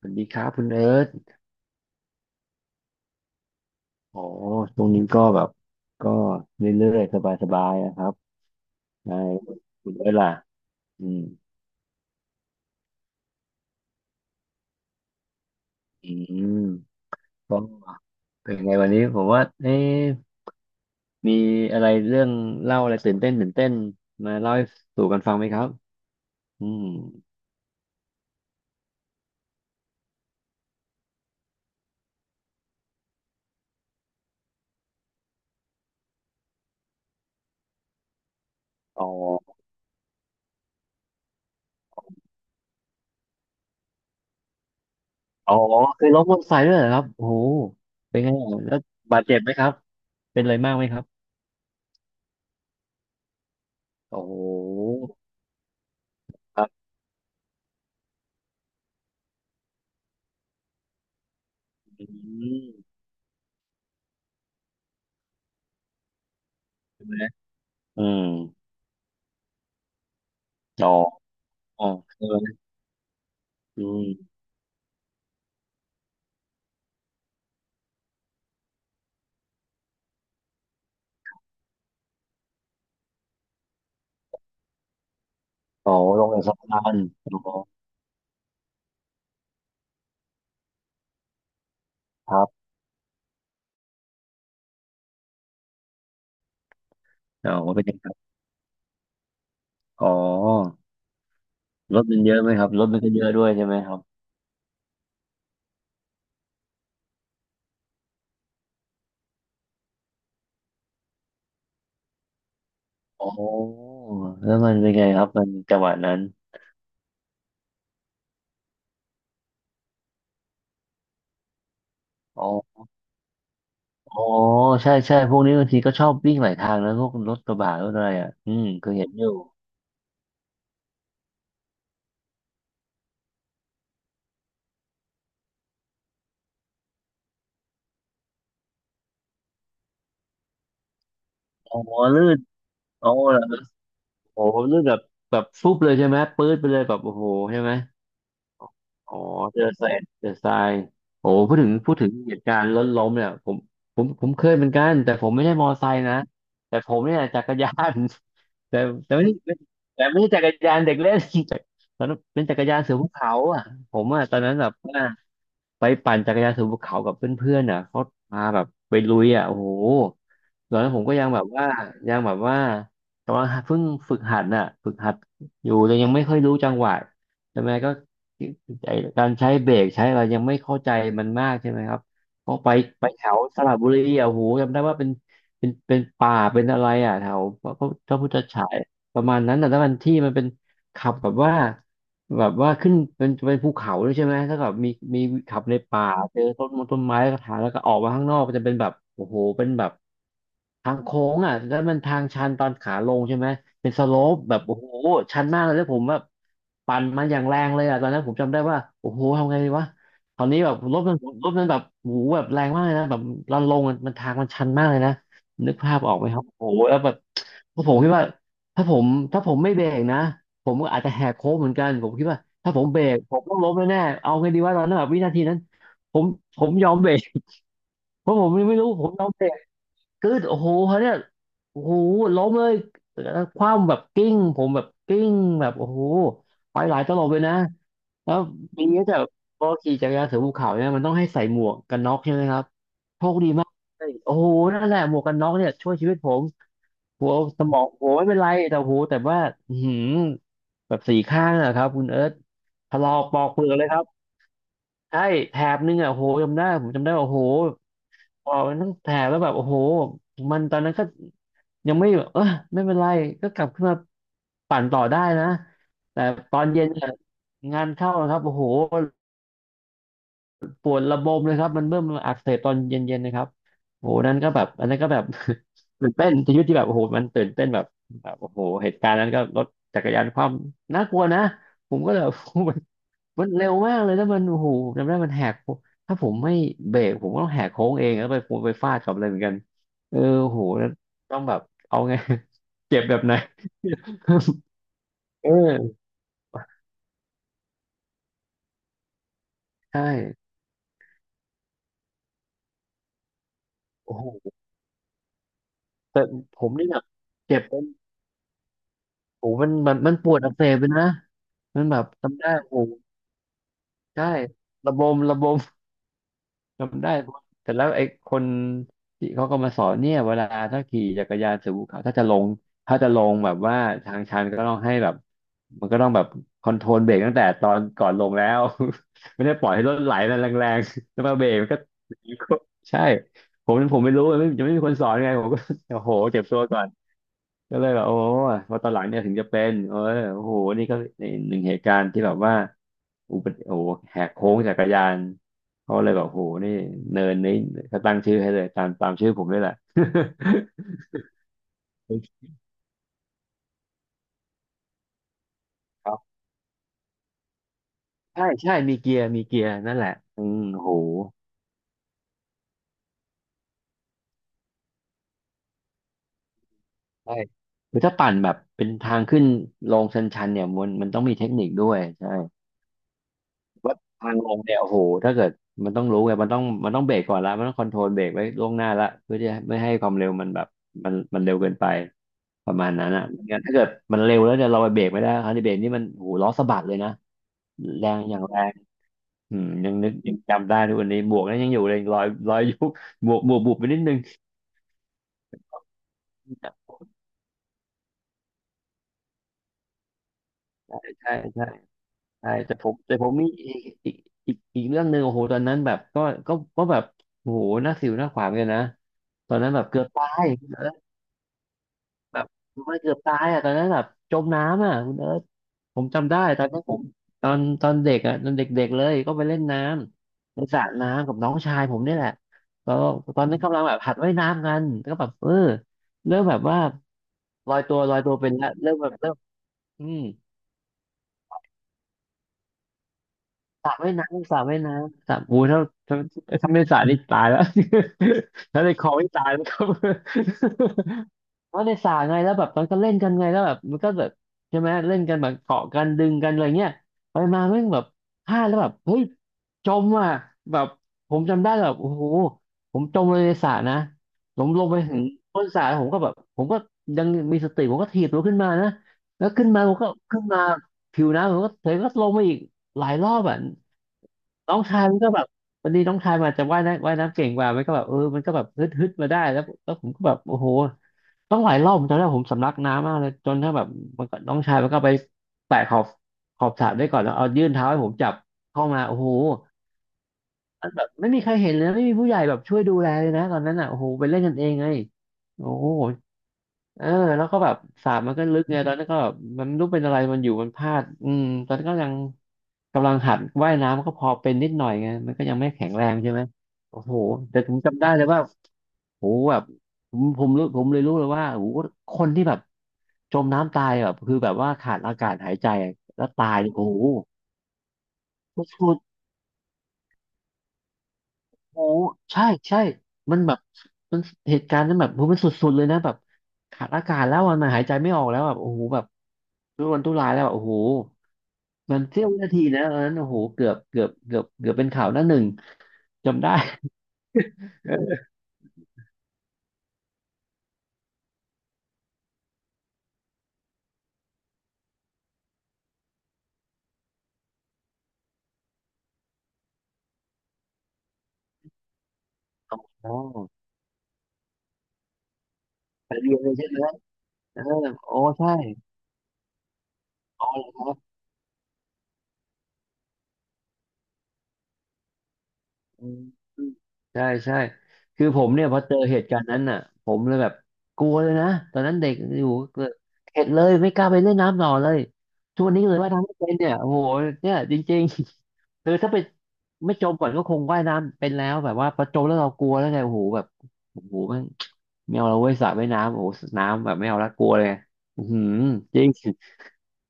สวัสดีครับคุณเอิร์ธอ๋อช่วงนี้ก็แบบก็เรื่อยๆสบายๆนะครับใช่คุณเอิร์ธล่ะอืมอืมก็เป็นไงวันนี้ผมว่าเอ๊ะมีอะไรเรื่องเล่าอะไรตื่นเต้นมาเล่าให้สู่กันฟังไหมครับอืมอ๋ออ๋อเคยล้มมอเตอร์ไซค์ด้วยเหรอครับโอ้โหเป็นไงอ่ะแล้วบาดเจ็บไหมครับเป็นอะไรมากไหมครับโอ้โหครับอืมใช่ไหมอืมอ๋ออ๋อใช่ไหมอืม อ๋อลงเอกสะพารอ๋อครับอ๋อเป็นยังไงครับอ๋อรถมันเยอะไหมครับ รถมันก็เยอะด้วยใช่ไหมครับ อ๋อแล้วมันเป็นไงครับ มันจังหวะนั้น อ๋ออ๋อใช่ใช่พวกนี้บางทีก็ชอบวิ่งหลายทางนะพวกรถกระบะรถอะไรอ่ะอืมเคยเห็นอยู่อ๋อลื่นอ๋อเหรอโอ้โหลื่นแบบแบบฟุบเลยใช่ไหมปื๊ดไปเลยแบบโอ้โหใช่ไหม อ๋อเจอทรายเจอทรายโอ้พูดถึงเหตุการณ์ล้นล้มเนี่ยผมเคยเหมือนกันแต่ผมไม่ได้มอไซค์นะแต่ผมเนี่ยจักรยาน แต่แต่ไม่ได้แต่ไม่ใช่จักรยานเด็กเล่น แต่ตอนนั้นเป็นจักรยานเสือภูเขาอ่ะผมอ่ะตอนนั้นแบบว่าไปปั่นจักรยานเสือภูเขากับเพื่อนๆอ่ะเขาพาแบบไปลุยอ่ะโอ้โห ตอนนั้นผมก็ยังแบบว่ายังแบบว่าแต่ว่าเพิ่งฝึกหัดน่ะฝึกหัดอยู่แต่ยังไม่ค่อยรู้จังหวะใช่ไหมก็ไอ้การใช้เบรกใช้อะไรยังไม่เข้าใจมันมากใช่ไหมครับก็ไปไปแถวสระบุรีอ่ะโหจำได้ว่าเป็นป่าเป็นอะไรอ่ะแถวพระพุทธฉายประมาณนั้นแต่ะถ้ามันที่มันเป็นขับแบบว่า แบบว่าขึ้นเป็นภูเขาด้วยใช่ไหมถ้าแบบมีมีขับในป่าเจอต้นมงต้นไม้แล้วก็ถ่ายแล้วก็ออกมาข้างนอกก็จะเป็นแบบโอ้โหเป็นแบบทางโค้งอ่ะแล้วมันทางชันตอนขาลงใช่ไหมเป็นสโลปแบบโอ้โหชันมากเลยแล้วผมแบบปั่นมันอย่างแรงเลยอ่ะตอนนั้นผมจำได้ว่าโอ้โหทำไงดีวะตอนนี้แบบรถมันรถมันแบบโอ้โหแบบแรงมากเลยนะแบบลันลงอะมันทางมันชันมากเลยนะนึกภาพออกไหมครับโอ้โหแล้วแบบผมคิดว่าถ้าผมถ้าผมไม่เบรกนะ ผมก็อาจจะแหกโค้งเหมือนกัน ผมคิดว่าถ้าผมเบรกผมต้องล้มแน่ๆเอาไงดีว่าตอนนั้นแบบวินาทีนั้นผมผมยอมเบรก เพราะผมไม่รู้ผมยอมเบรกกึดโอ้โหเขาเนี่ยโอ้โหล้มเลยแล้วคว่ำแบบกิ้งผมแบบกิ้งแบบโอ้โหไปหลายตลบเลยนะแล้วมีเนี้ยแต่พอขี่จักรยานเสือภูเขาเนี่ยมันต้องให้ใส่หมวกกันน็อกใช่ไหมครับโชคดีมากเลยโอ้โหนั่นแหละหมวกกันน็อกเนี่ยช่วยชีวิตผมหัวสมองหัวไม่เป็นไรแต่หูแต่ว่าอือหือ แบบสี่ข้างอะครับคุณเอิร์ธถลอกปอกเปลือกเลยครับใช่แถบนึงอะโหจำได้ผมจำได้ว่าโหปอกมันทั้งแถบแล้วแบบโอ้โหมันตอนนั้นก็ยังไม่แบบเออไม่เป็นไร ก็กลับขึ้นมาปั่นต่อได้นะ แต่ตอนเย็นเนี่ยงานเข้านะครับโอ้โหปวดระบมเลยครับมันเริ่มอักเสบตอนเย็นๆนะครับโอ้โหนั่นก็แบบอันนั้นก็แบบ ตื่นเต้นชีวิตที่แบบโอ้โหมันตื่นเต้นแบบแบบโอ้โหเหตุการณ์นั้นก็รถจักรยานความน่ากลัวนะผมก็เลย แบบ มันเร็วมากเลยแล้วมันโอ้โหจำได้มันแหกโค้งถ้าผมไม่เบรกผมก็ต้องแหกโค้งเองแล้วไปผมไปฟาดกับอะไรเหมือนกันเออโอ้โหแล้วต้องแบบเอาไง เจ็บแบบไหน เออใช่โอ้โหแต่ผมนี่แบบเจ็บเป็นโอ้โหมันปวดอักเสบเลยนะมันแบบจำได้โอ้โหใช่ระบมระบม จำได้เพราะแต่แล้วไอ้คนที่เขาก็มาสอนเนี่ยเวลาถ้าขี่จักรยานสู่ภูเขาถ้าจะลงแบบว่าทางชันก็ต้องให้แบบมันก็ต้องแบบคอนโทรลเบรกตั้งแต่ตอนก่อนลงแล้ว ไม่ได้ปล่อยให้รถไหลแรงๆแล้วมาเบรกมันก็ใช่ผมไม่รู้ไม่ยังไม่มีคนสอนไงผมก็ โอ้โหเจ็บตัวก่อน ก็เลยแบบโอ้ยพอตอนหลังเนี่ยถึงจะเป็นโอ้โหนี่ก็หนึ่งเหตุการณ์ที่แบบว่าอุบัติโอ้โหแหกโค้งจักรยานเขาเลยแบบโอ้โหนี่เนินนี้เขาตั้งชื่อให้เลยตามตามชื่อผมนี่แหละ ครับใช่ใช่มีเกียร์มีเกียร์นั่นแหละอืมโอ้โหใช่คือถ้าปั่นแบบเป็นทางขึ้นลงชันๆเนี่ยมันต้องมีเทคนิคด้วยใช่ ว่าทางลงเนี่ยโอ้โหถ้าเกิดมันต้องรู้ไงมันต้องเบรกก่อนละมันต้องคอนโทรลเบรกไว้ล่วงหน้าละเพื่อที่จะไม่ให้ความเร็วมันแบบมันเร็วเกินไปประมาณนั้นอ่ะไม่งั้นถ้าเกิดมันเร็วแล้วเนี่ยเราไปเบรกไม่ได้คันที่เบรกนี่มันโอ้โหล้อสะบัดเลยนะแรงอย่างแรงอืมยังนึกยังจำได้ทุกวันนี้หมวกนั้นยังอยู่เลยรอยรอยยุบหมวกหมวกบุบไปนิดนึงใช่ใช่ใช่ใช่แต่ผมมีอีกอีกอีกเรื่องหนึ่งโอ้โหตอนนั้นแบบก็แบบโอ้โหหน้าสิวหน้าขวานกันนะ ตอนนั้นแบบเกือบตายคุณเอิร์ธแบบไม่าเกือบตายอ่ะตอนนั้นแบบจมน้ำอ่ะคุณเอิร์ธผมจำได้ตอนนั้นผมตอนเด็กอ่ะตอนเด็กๆเลยก็ไปเล่นน้ำในสระน้ำกับน้องชายผมนี่แหละก็ตอนนั้นกำลังแบบหัดว่ายน้ำกันก็แบบเริ่มแบบว่าลอยตัวเป็นละเริ่มแบบเริ่มอืมสระว่ายน้ำสระอูถ้าถ้าถ้าไม่สระนี่ตายแล้ว ถ้าในคลองนี่ตายแล้วครับ ว่าในสระไงแล้วแบบมันก็เล่นกันไงแล้วแบบมันก็แบบใช่ไหมเล่นกันแบบเกาะกันดึงกันอะไรเงี้ยไปมาแม่งแบบพลาดแล้วแบบเฮ้ยจมอ่ะแบบผมจำได้แบบโอ้โหผมจมเลยในสระนะผมลงไปถึงก้นสระผมก็ยังมีสติผมก็ถีบตัวขึ้นมานะแล้วขึ้นมาผมก็ขึ้นมาผิวน้ำผมก็เธอก็ลงมาอีกหลายรอบอ่ะน้องชายมันก็แบบวันนี้น้องชายมันาจจะว่ายน้ำเก่งกว่ามันก็แบบมันก็แบบฮึดมาได้แล้วแล้วผมก็แบบโอ้โห ต้องหลายรอบผมจำได้ผมสำลักน้ำมากเลยจนถ้าแบบมันก็น้องชายมันก็ไปแตะขอบสระด้วยก่อนแล้วเอายื่นเท้าให้ผมจับเข้ามาโอ้โหมันแบบไม่มีใครเห็นเลยนะไม่มีผู้ใหญ่แบบช่วยดูแลเลยนะตอนนั้นอ่ะโอ้โหไปเล่นกันเองไงโอ้โห เออแล้วก็แบบสระมันก็ลึกไงตอนนั้นก็แบบมันไม่รู้เป็นอะไรมันอยู่มันพลาดอืมตอนนั้นก็ยังกำลังหัดว่ายน้ำก็พอเป็นนิดหน่อยไงมันก็ยังไม่แข็งแรงใช่ไหมโอ้โหแต่ผมจำได้เลยว่าโหแบบผมรู้ผมเลยรู้เลยว่าโหคนที่แบบจมน้ำตายแบบคือแบบว่าขาดอากาศหายใจแล้วตายเนี่ยโอ้โหโค โอ้ใช่ใช่มันแบบมันเหตุการณ์นั้นแบบโหมันสุดๆเลยนะแบบขาดอากาศแล้วอัะนะหายใจไม่ออกแล้วแบบโอ้โหแบบทุรนทุรายแล้วอะโอ้โห มันเสี้ยววินาทีนะตอนนั้นโอ้โหเกือบเป็นข่าวหน้าหนึ่ง จำได้ เอออ๋อไปเรียนเลยใช่ไหมเออโอ้ ใช่อ๋อเหรอครับ อืมใช่ใช่คือผมเนี่ยพอเจอเหตุการณ์นั้นน่ะผมเลยแบบกลัวเลยนะตอนนั้นเด็กอยู่ก็เข็ดเลยไม่กล้าไปเล่นน้ำต่อเลยทุกวันนี้เลยว่ายน้ำไม่เป็นเนี่ยโอ้โหเนี่ยจริงๆคือถ้าไปไม่จมก่อนก็คงว่ายน้ำเป็นแล้วแบบว่าพอจมแล้วเรากลัวแล้วไงโอ้โหแบบโอ้โหแมันไม่เอาเราเว้ยสระว่ายน้ำโอ้โหน้ำแบบไม่เอาละกลัวเลยอือหือจริง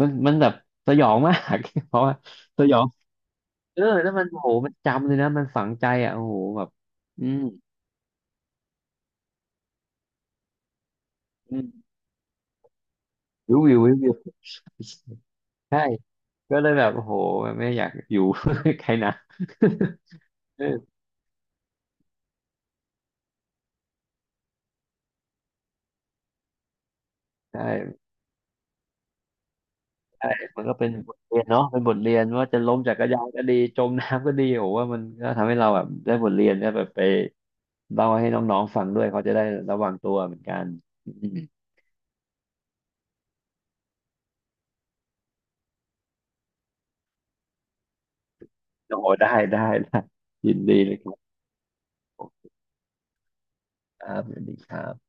มันมันแบบสยองมาก เพราะว่าสยองแล้วมันโอ้โหมันจำเลยนะมันฝังใจอ่ะโอ้โหแบบอืม อืมรู้วิวใช่ก็เลยแบบโอ้โหไม่อยากอยู่ ใครนะ เออใช่ใช่มันก็เป็นบทเรียนเนาะเป็นบทเรียนว่าจะล้มจักรยานก็ดีจมน้ำก็ดีโอ้ว่ามันก็ทำให้เราแบบได้บทเรียนได้แบบไปเล่าให้น้องๆฟังด้วยเขาจะได้ระวังตัวเหมือนกันอืมโอ้ได้ได้ได้ยินดีเลยครับครับสวัสดีครับ